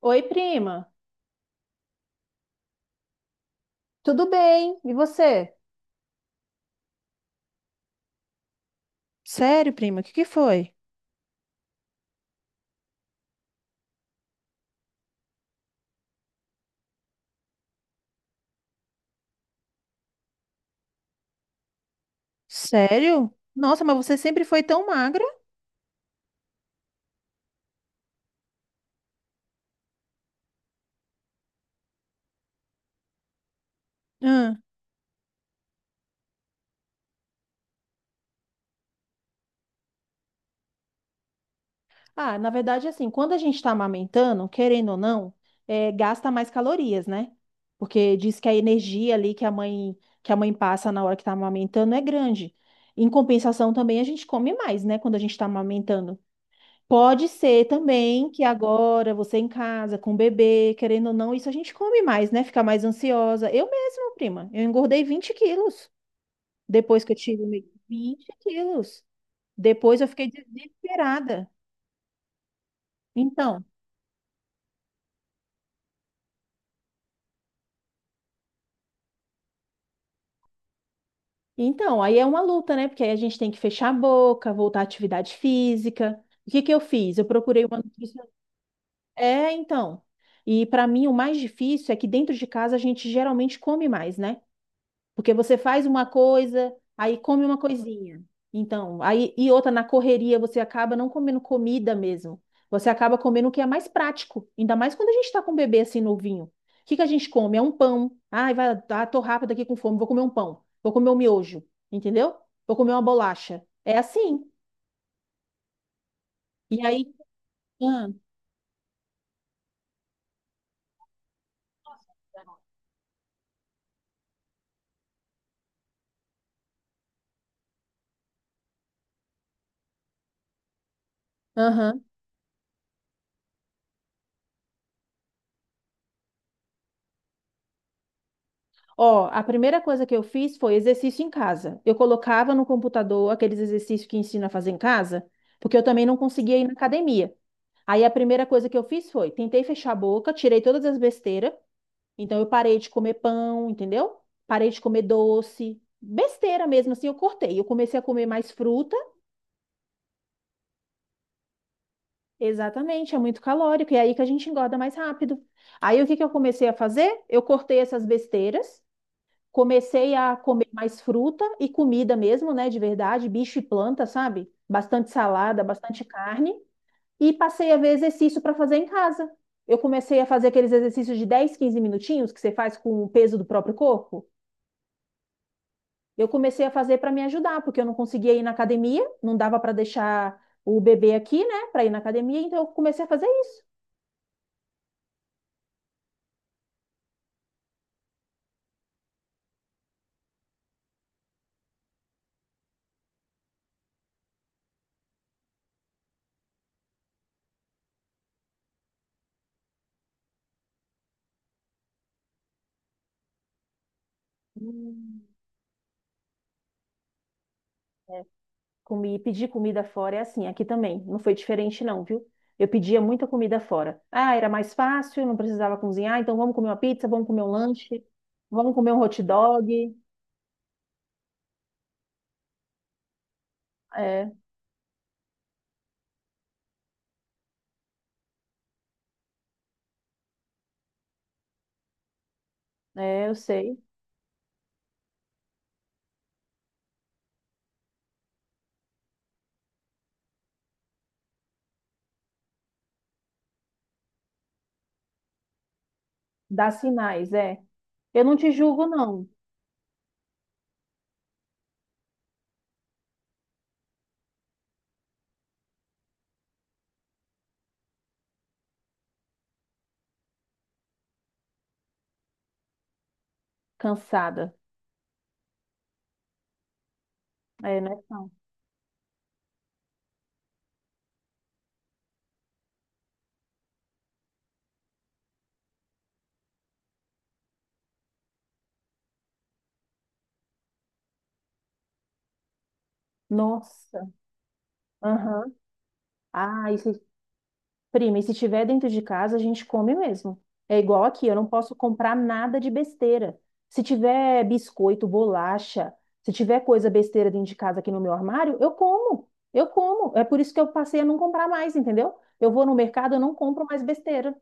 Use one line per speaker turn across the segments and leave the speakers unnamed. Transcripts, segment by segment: Oi, prima. Tudo bem? E você? Sério, prima? O que que foi? Sério? Nossa, mas você sempre foi tão magra? Ah, Ah, na verdade, assim, quando a gente está amamentando, querendo ou não, gasta mais calorias, né? Porque diz que a energia ali que a mãe passa na hora que está amamentando é grande. Em compensação, também a gente come mais, né? Quando a gente está amamentando. Pode ser também que agora você em casa com o bebê, querendo ou não, isso a gente come mais, né? Fica mais ansiosa. Eu mesma, prima, eu engordei 20 quilos depois que eu tive o meu- 20 quilos. Depois eu fiquei desesperada. Então, então, aí é uma luta, né? Porque aí a gente tem que fechar a boca, voltar à atividade física. O que que eu fiz? Eu procurei uma nutricionista. É, então. E para mim o mais difícil é que dentro de casa a gente geralmente come mais, né? Porque você faz uma coisa, aí come uma coisinha. Então, aí e outra na correria, você acaba não comendo comida mesmo. Você acaba comendo o que é mais prático, ainda mais quando a gente está com um bebê assim novinho. O que que a gente come? É um pão. Ai, vai, ah, tô rápida aqui com fome, vou comer um pão. Vou comer um miojo, entendeu? Vou comer uma bolacha. É assim. E aí, ah, aham. Ó, a primeira coisa que eu fiz foi exercício em casa. Eu colocava no computador aqueles exercícios que ensina a fazer em casa, porque eu também não conseguia ir na academia. Aí a primeira coisa que eu fiz foi, tentei fechar a boca, tirei todas as besteiras. Então eu parei de comer pão, entendeu? Parei de comer doce, besteira mesmo, assim eu cortei. Eu comecei a comer mais fruta, exatamente, é muito calórico, e é aí que a gente engorda mais rápido. Aí o que que eu comecei a fazer? Eu cortei essas besteiras. Comecei a comer mais fruta e comida mesmo, né, de verdade, bicho e planta, sabe? Bastante salada, bastante carne. E passei a ver exercício para fazer em casa. Eu comecei a fazer aqueles exercícios de 10, 15 minutinhos que você faz com o peso do próprio corpo. Eu comecei a fazer para me ajudar, porque eu não conseguia ir na academia, não dava para deixar o bebê aqui, né, para ir na academia, então eu comecei a fazer isso. Hum. Comi, pedir comida fora é assim, aqui também. Não foi diferente, não, viu? Eu pedia muita comida fora. Ah, era mais fácil, não precisava cozinhar, então vamos comer uma pizza, vamos comer um lanche, vamos comer um hot dog. É, é, eu sei. Dá sinais, é. Eu não te julgo, não, cansada. É, né? Não. Nossa. Aham. Ah, isso. Prima, e se tiver dentro de casa, a gente come mesmo. É igual aqui, eu não posso comprar nada de besteira. Se tiver biscoito, bolacha, se tiver coisa besteira dentro de casa aqui no meu armário, eu como. Eu como. É por isso que eu passei a não comprar mais, entendeu? Eu vou no mercado, eu não compro mais besteira.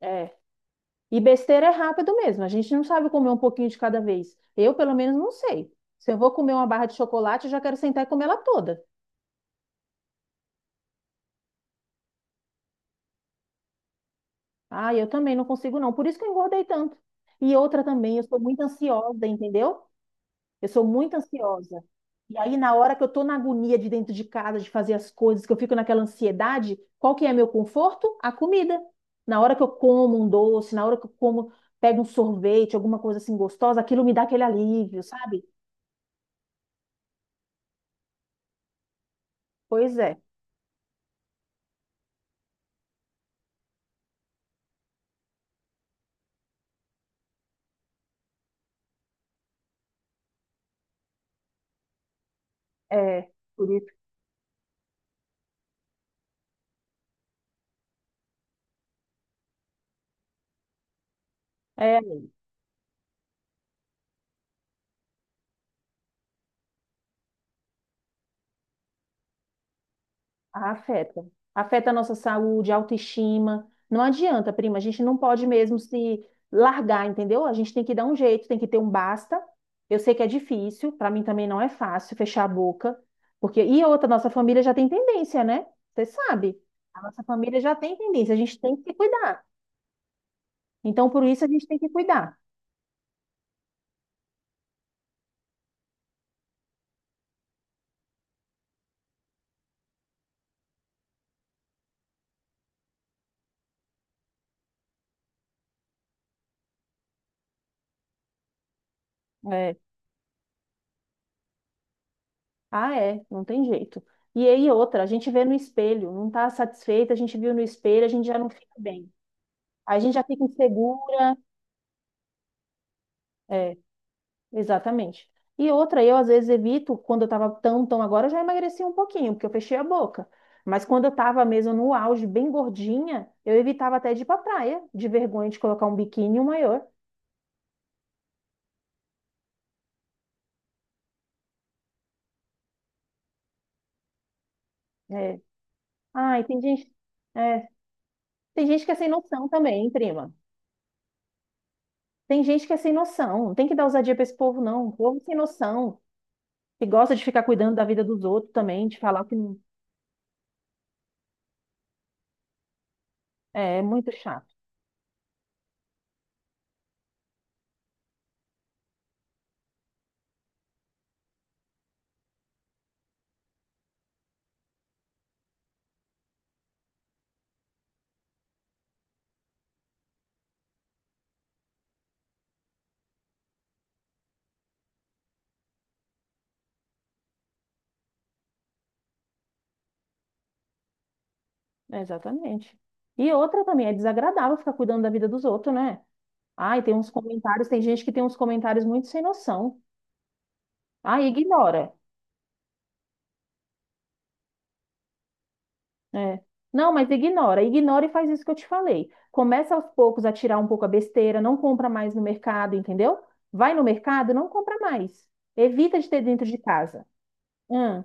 É. E besteira é rápido mesmo. A gente não sabe comer um pouquinho de cada vez. Eu, pelo menos, não sei. Se eu vou comer uma barra de chocolate, eu já quero sentar e comer ela toda. Ah, eu também não consigo, não. Por isso que eu engordei tanto. E outra também, eu sou muito ansiosa, entendeu? Eu sou muito ansiosa. E aí, na hora que eu tô na agonia de dentro de casa, de fazer as coisas, que eu fico naquela ansiedade, qual que é meu conforto? A comida. Na hora que eu como um doce, na hora que eu como, pego um sorvete, alguma coisa assim gostosa, aquilo me dá aquele alívio, sabe? Pois é. É, por isso. É, afeta. Afeta a nossa saúde, autoestima. Não adianta, prima. A gente não pode mesmo se largar, entendeu? A gente tem que dar um jeito, tem que ter um basta. Eu sei que é difícil, para mim também não é fácil fechar a boca, porque e outra, nossa família já tem tendência, né? Você sabe, a nossa família já tem tendência, a gente tem que se cuidar. Então, por isso a gente tem que cuidar. É. Ah, é, não tem jeito. E aí outra, a gente vê no espelho, não tá satisfeita, a gente viu no espelho, a gente já não fica bem. A gente já fica insegura, é, exatamente. E outra, eu às vezes evito, quando eu tava tão, tão agora, eu já emagreci um pouquinho, porque eu fechei a boca. Mas quando eu tava mesmo no auge, bem gordinha, eu evitava até de ir pra praia, de vergonha de colocar um biquíni e um maiô. É. Ai, tem gente. É, tem gente que é sem noção também, prima. Tem gente que é sem noção. Não tem que dar ousadia pra esse povo, não. O povo sem noção. Que gosta de ficar cuidando da vida dos outros também, de falar que não. É, é muito chato. Exatamente. E outra também, é desagradável ficar cuidando da vida dos outros, né? Ai, tem uns comentários, tem gente que tem uns comentários muito sem noção. Ai, ignora. É. Não, mas ignora, ignora e faz isso que eu te falei. Começa aos poucos a tirar um pouco a besteira, não compra mais no mercado, entendeu? Vai no mercado, não compra mais. Evita de ter dentro de casa. Hum.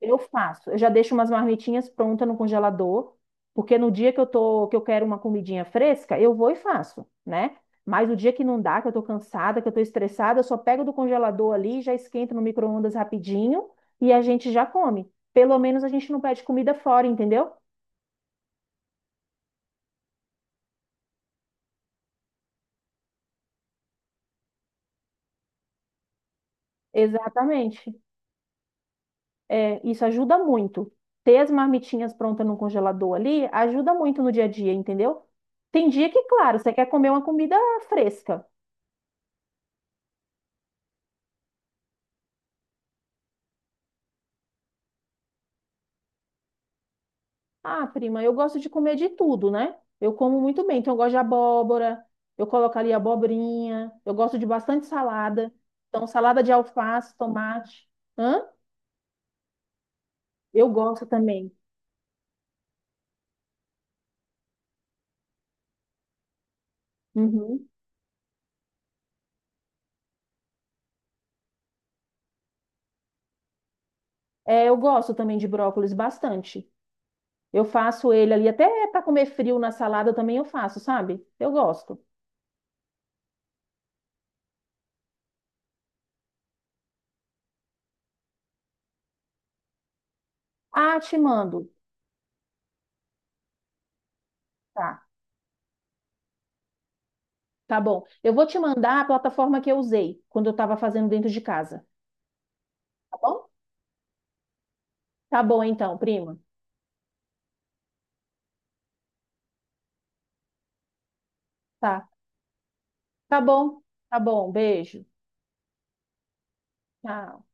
Eu faço. Eu já deixo umas marmitinhas prontas no congelador, porque no dia que eu tô, que eu quero uma comidinha fresca, eu vou e faço, né? Mas o dia que não dá, que eu tô cansada, que eu tô estressada, eu só pego do congelador ali, já esquento no micro-ondas rapidinho e a gente já come. Pelo menos a gente não pede comida fora, entendeu? Exatamente. É, isso ajuda muito. Ter as marmitinhas prontas no congelador ali ajuda muito no dia a dia, entendeu? Tem dia que, claro, você quer comer uma comida fresca. Ah, prima, eu gosto de comer de tudo, né? Eu como muito bem, então eu gosto de abóbora, eu coloco ali abobrinha, eu gosto de bastante salada. Então, salada de alface, tomate. Hã? Eu gosto também. Uhum. É, eu gosto também de brócolis bastante. Eu faço ele ali, até para comer frio na salada também eu faço, sabe? Eu gosto. Ah, te mando. Tá, tá bom. Eu vou te mandar a plataforma que eu usei quando eu estava fazendo dentro de casa, tá bom? Tá bom então, prima. Tá. Tá bom, tá bom. Beijo. Tchau.